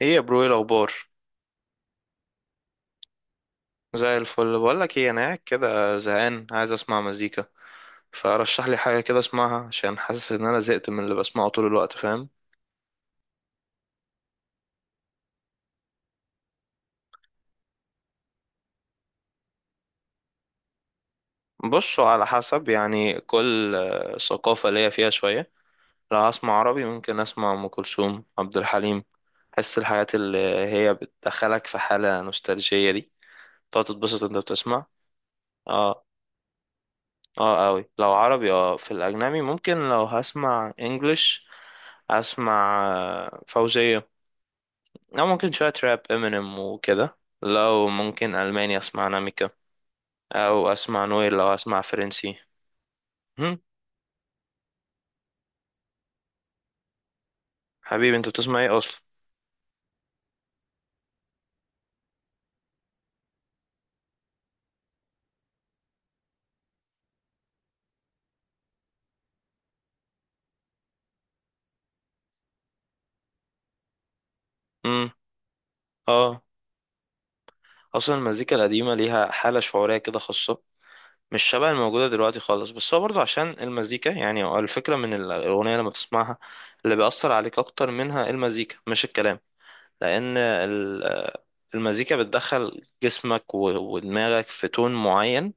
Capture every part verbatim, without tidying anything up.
ايه يا برو، ايه الاخبار؟ زي الفل. بقول لك ايه، انا قاعد كده زهقان، عايز اسمع مزيكا. فرشح لي حاجه كده اسمعها عشان حاسس ان انا زهقت من اللي بسمعه طول الوقت، فاهم؟ بصوا، على حسب يعني كل آه، ثقافه ليا فيها شويه. لو هسمع عربي ممكن اسمع ام كلثوم، عبد الحليم. حس الحاجات اللي هي بتدخلك في حاله نوستالجيه دي، تقعد تتبسط انت بتسمع. اه. اه قوي لو عربي. اه، في الاجنبي ممكن لو هسمع انجلش اسمع آه، فوزية. أو ممكن شوية راب امينيم وكده. لو ممكن ألماني أسمع ناميكا، أو أسمع نويل لو أسمع فرنسي. هم؟ حبيبي، أنت بتسمع إيه أصلا؟ مم. آه. أصلا المزيكا القديمة ليها حالة شعورية كده خاصة، مش شبه الموجودة دلوقتي خالص. بس هو برضه عشان المزيكا، يعني هو الفكرة من الأغنية لما تسمعها اللي بيأثر عليك أكتر منها، المزيكا مش الكلام. لأن ال- المزيكا بتدخل جسمك و- ودماغك في تون معين.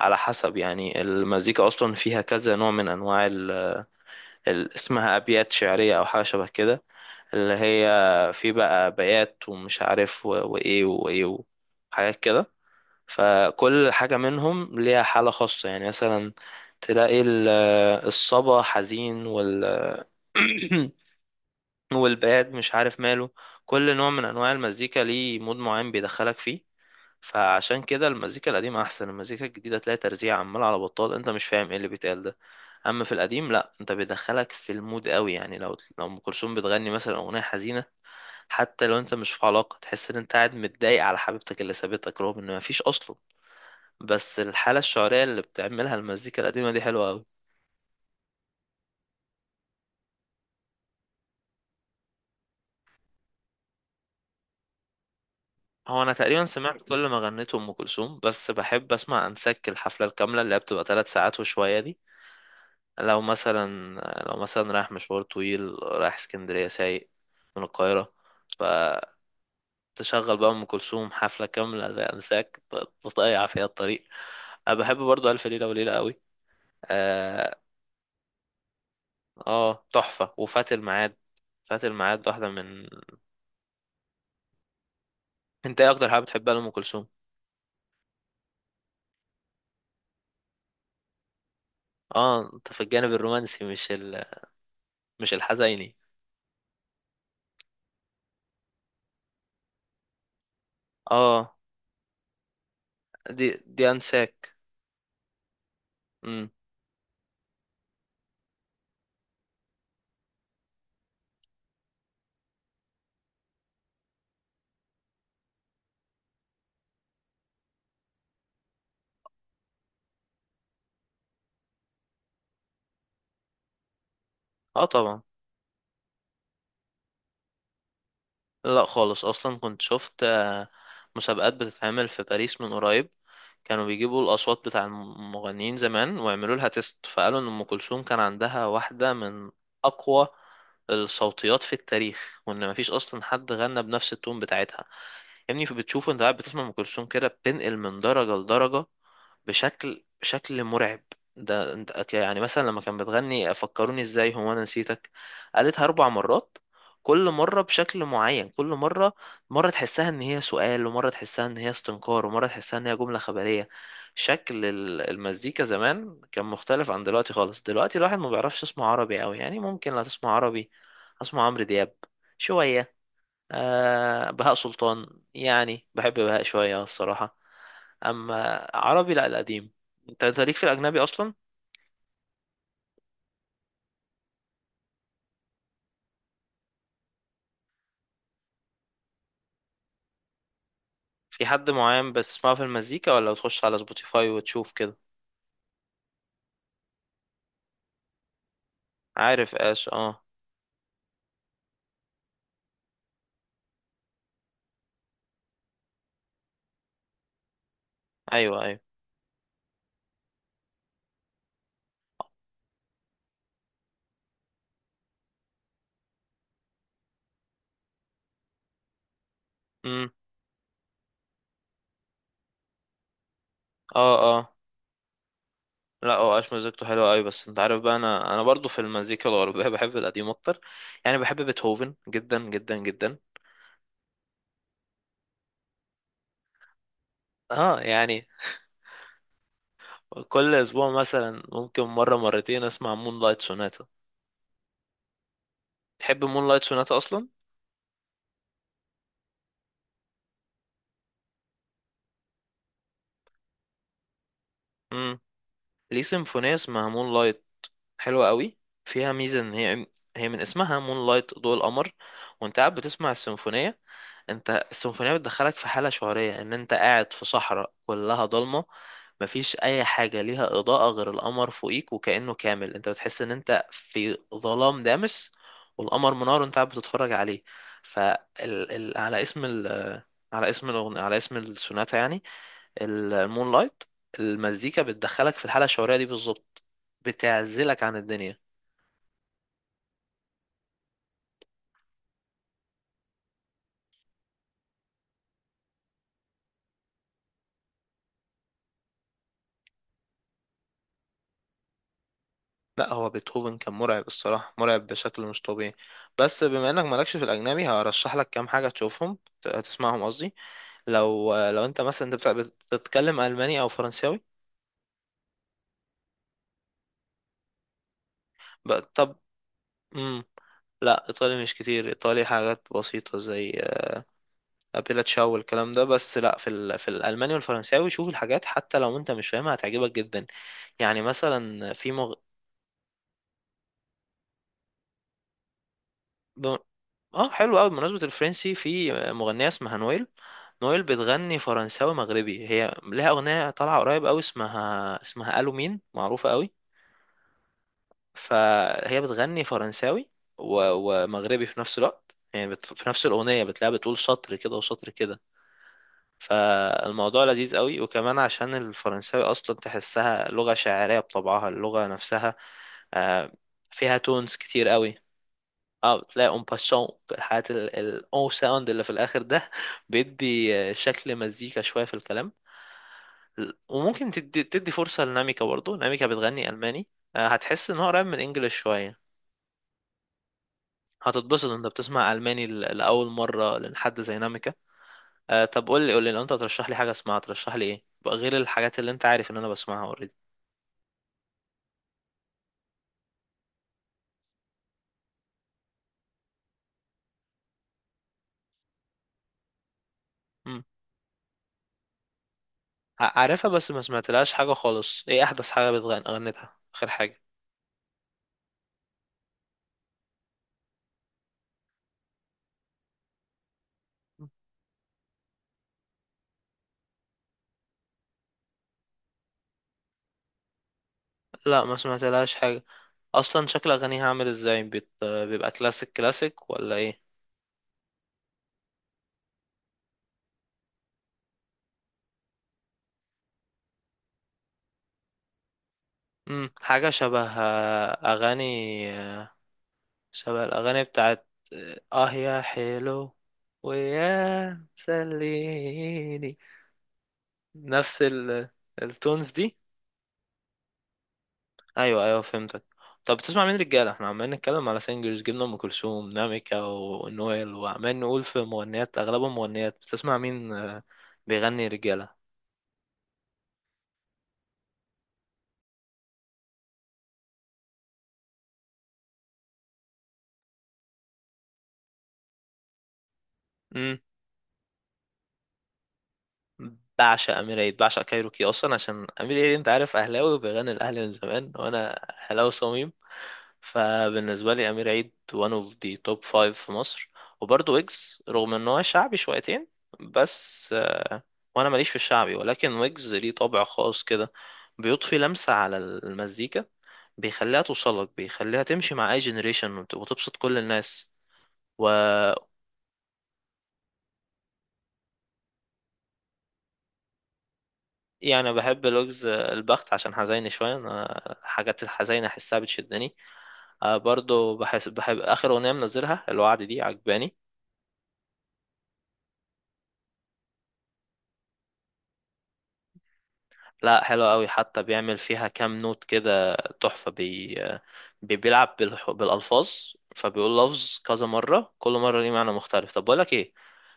على حسب، يعني المزيكا أصلا فيها كذا نوع من أنواع ال- ال- اسمها أبيات شعرية أو حاجة شبه كده، اللي هي في بقى بيات ومش عارف و- وإيه وإيه وحاجات كده. فكل حاجة منهم ليها حالة خاصة. يعني مثلا تلاقي ال- الصبا حزين، وال والباد مش عارف ماله. كل نوع من انواع المزيكا ليه مود معين بيدخلك فيه. فعشان كده المزيكا القديمة احسن. المزيكا الجديدة تلاقي ترزيع عمال على بطال، انت مش فاهم ايه اللي بيتقال ده. اما في القديم لا، انت بيدخلك في المود قوي. يعني لو لو ام كلثوم بتغني مثلا اغنية حزينة، حتى لو انت مش في علاقة تحس ان انت قاعد متضايق على حبيبتك اللي سابتك، رغم ان مفيش اصلا. بس الحالة الشعرية اللي بتعملها المزيكا القديمة دي حلوة قوي. هو انا تقريبا سمعت كل ما غنيته ام كلثوم، بس بحب اسمع انسك، الحفله الكامله اللي هي بتبقى ثلاث ساعات وشويه دي. لو مثلا، لو مثلا رايح مشوار طويل، رايح اسكندريه سايق من القاهره، فتشغل بقى ام كلثوم حفله كامله زي انساك، تضيع فيها الطريق. أنا بحب برضو الف ليله وليله قوي. اه. آه، تحفه. وفات الميعاد، فات الميعاد واحده من... انت ايه اكتر حاجه بتحبها لام كلثوم؟ اه، انت في الجانب الرومانسي، مش ال... مش الحزيني. اه، دي دي انساك. امم. اه طبعا. لا خالص. اصلا كنت شفت آه، مسابقات بتتعمل في باريس من قريب. كانوا بيجيبوا الاصوات بتاع المغنيين زمان ويعملوا لها تيست، فقالوا ان ام كلثوم كان عندها واحده من اقوى الصوتيات في التاريخ، وان مفيش اصلا حد غنى بنفس التون بتاعتها. يا ابني بتشوف انت قاعد بتسمع ام كلثوم كده بتنقل من درجه لدرجه بشكل بشكل مرعب. ده انت يعني مثلا لما كان بتغني فكروني ازاي، هو انا نسيتك، قالتها اربع مرات، كل مرة بشكل معين. كل مرة، مرة تحسها ان هي سؤال، ومرة تحسها ان هي استنكار، ومرة تحسها ان هي جملة خبرية. شكل ال- المزيكا زمان كان مختلف عن دلوقتي خالص. دلوقتي الواحد ما بيعرفش يسمع عربي قوي. يعني ممكن لا تسمع عربي، اسمع عمرو دياب شوية، آه بهاء سلطان. يعني بحب بهاء شوية الصراحة. أما عربي لا، القديم. أنت أنت ليك في الأجنبي أصلا؟ في حد معين بتسمعه في المزيكا، ولا بتخش على سبوتيفاي وتشوف كده؟ عارف آش، أه. أيوه أيوه. أمم. أه أه. لا، هو آش مزيكته حلوة أوي. بس أنت عارف بقى، أنا أنا برضو في المزيكا الغربية بحب القديم أكتر. يعني بحب بيتهوفن جدا جدا جدا. أه يعني كل أسبوع مثلا ممكن مرة مرتين أسمع مون لايت سوناتا. تحب مون لايت سوناتا أصلا؟ ليه سيمفونية اسمها مون لايت، حلوة قوي. فيها ميزة ان هي، هي من اسمها مون لايت، ضوء القمر. وانت قاعد بتسمع السيمفونية، انت السيمفونية بتدخلك في حالة شعورية ان انت قاعد في صحراء كلها ضلمة، مفيش اي حاجة ليها اضاءة غير القمر فوقيك، وكأنه كامل انت بتحس ان انت في ظلام دامس، والقمر منار وانت قاعد بتتفرج عليه. فال... ال... ال... على اسم ال... على اسم الأغنية، على اسم السوناتا يعني، المون لايت. المزيكا بتدخلك في الحالة الشعورية دي بالظبط، بتعزلك عن الدنيا. لا، هو بيتهوفن كان مرعب الصراحة، مرعب بشكل مش طبيعي. بس بما انك مالكش في الأجنبي، هرشح لك كام حاجة تشوفهم، ت- تسمعهم قصدي. لو لو انت مثلا، انت بتاع- بتتكلم ألماني أو فرنساوي؟ ب- طب. مم. لا ايطالي مش كتير. ايطالي حاجات بسيطه زي ابيلا تشاو والكلام ده بس. لا في ال... في الالماني والفرنساوي شوف الحاجات، حتى لو انت مش فاهمها هتعجبك جدا. يعني مثلا في مغ... ب... اه حلو قوي. بمناسبة الفرنسي، في مغنية اسمها نويل. نويل بتغني فرنساوي مغربي، هي لها أغنية طالعة قريب قوي اسمها اسمها ألو مين، معروفة قوي. فهي بتغني فرنساوي و... ومغربي في نفس الوقت. يعني بت... في نفس الأغنية بتلاقيها بتقول سطر كده وسطر كده، فالموضوع لذيذ قوي. وكمان عشان الفرنساوي أصلا تحسها لغة شاعرية بطبعها، اللغة نفسها آه، فيها تونز كتير قوي. اه بتلاقي اون باسون، الحاجات ال- ال- او ساوند اللي في الاخر ده بيدي آه، شكل مزيكا شويه في الكلام. ل- وممكن تدي, تدي فرصه لناميكا برضو. ناميكا بتغني الماني، آه، هتحس ان هو قريب من الانجليش شويه. هتتبسط انت بتسمع الماني ل- لاول مره لحد زي ناميكا. آه، طب قول لي، قول لي لو انت ترشح لي حاجه اسمعها، ترشح لي ايه بقى غير الحاجات اللي انت عارف ان انا بسمعها اوريدي. عارفها بس ما سمعتلهاش حاجه خالص. ايه احدث حاجه بتغني، غنتها اخر حاجه؟ لا ما سمعت لهاش حاجة. اصلا شكل اغانيها عامل ازاي؟ بت... بيبقى كلاسيك كلاسيك ولا ايه؟ امم حاجة شبه آه، اغاني آه، شبه الاغاني بتاعت اه يا حلو، ويا مسليني. نفس ال... التونز دي. ايوه ايوه فهمتك. طب بتسمع مين رجاله؟ احنا عمالين نتكلم على سingers، جبنا ام كلثوم، ناميكا، ونويل، وعمال نقول في مغنيات، اغلبهم مغنيات. بتسمع مين آه، بيغني رجاله؟ بعشق امير عيد، بعشق كايروكي. اصلا عشان امير عيد انت عارف اهلاوي، وبيغني الاهلي من زمان، وانا اهلاوي صميم. فبالنسبه لي امير عيد one of the top five في مصر. وبرضه ويجز، رغم ان هو شعبي شويتين، بس آه، وانا ماليش في الشعبي، ولكن ويجز ليه طابع خاص كده، بيضفي لمسه على المزيكا، بيخليها توصلك، بيخليها تمشي مع اي جنريشن وتبسط كل الناس. و... يعني أنا بحب لغز البخت عشان حزيني شوية، أنا الحاجات الحزينة أحسها بتشدني. آه برضو بحس، بحب آخر أغنية منزلها الوعد دي، عجباني. لا حلوة قوي، حتى بيعمل فيها كام نوت كده تحفة. بي بي- بيلعب بالح- بالألفاظ، فبيقول لفظ كذا مرة كل مرة ليه معنى مختلف. طب بقولك إيه،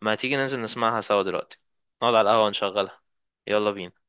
ما تيجي ننزل نسمعها سوا دلوقتي، نقعد على القهوة نشغلها. يلا بينا.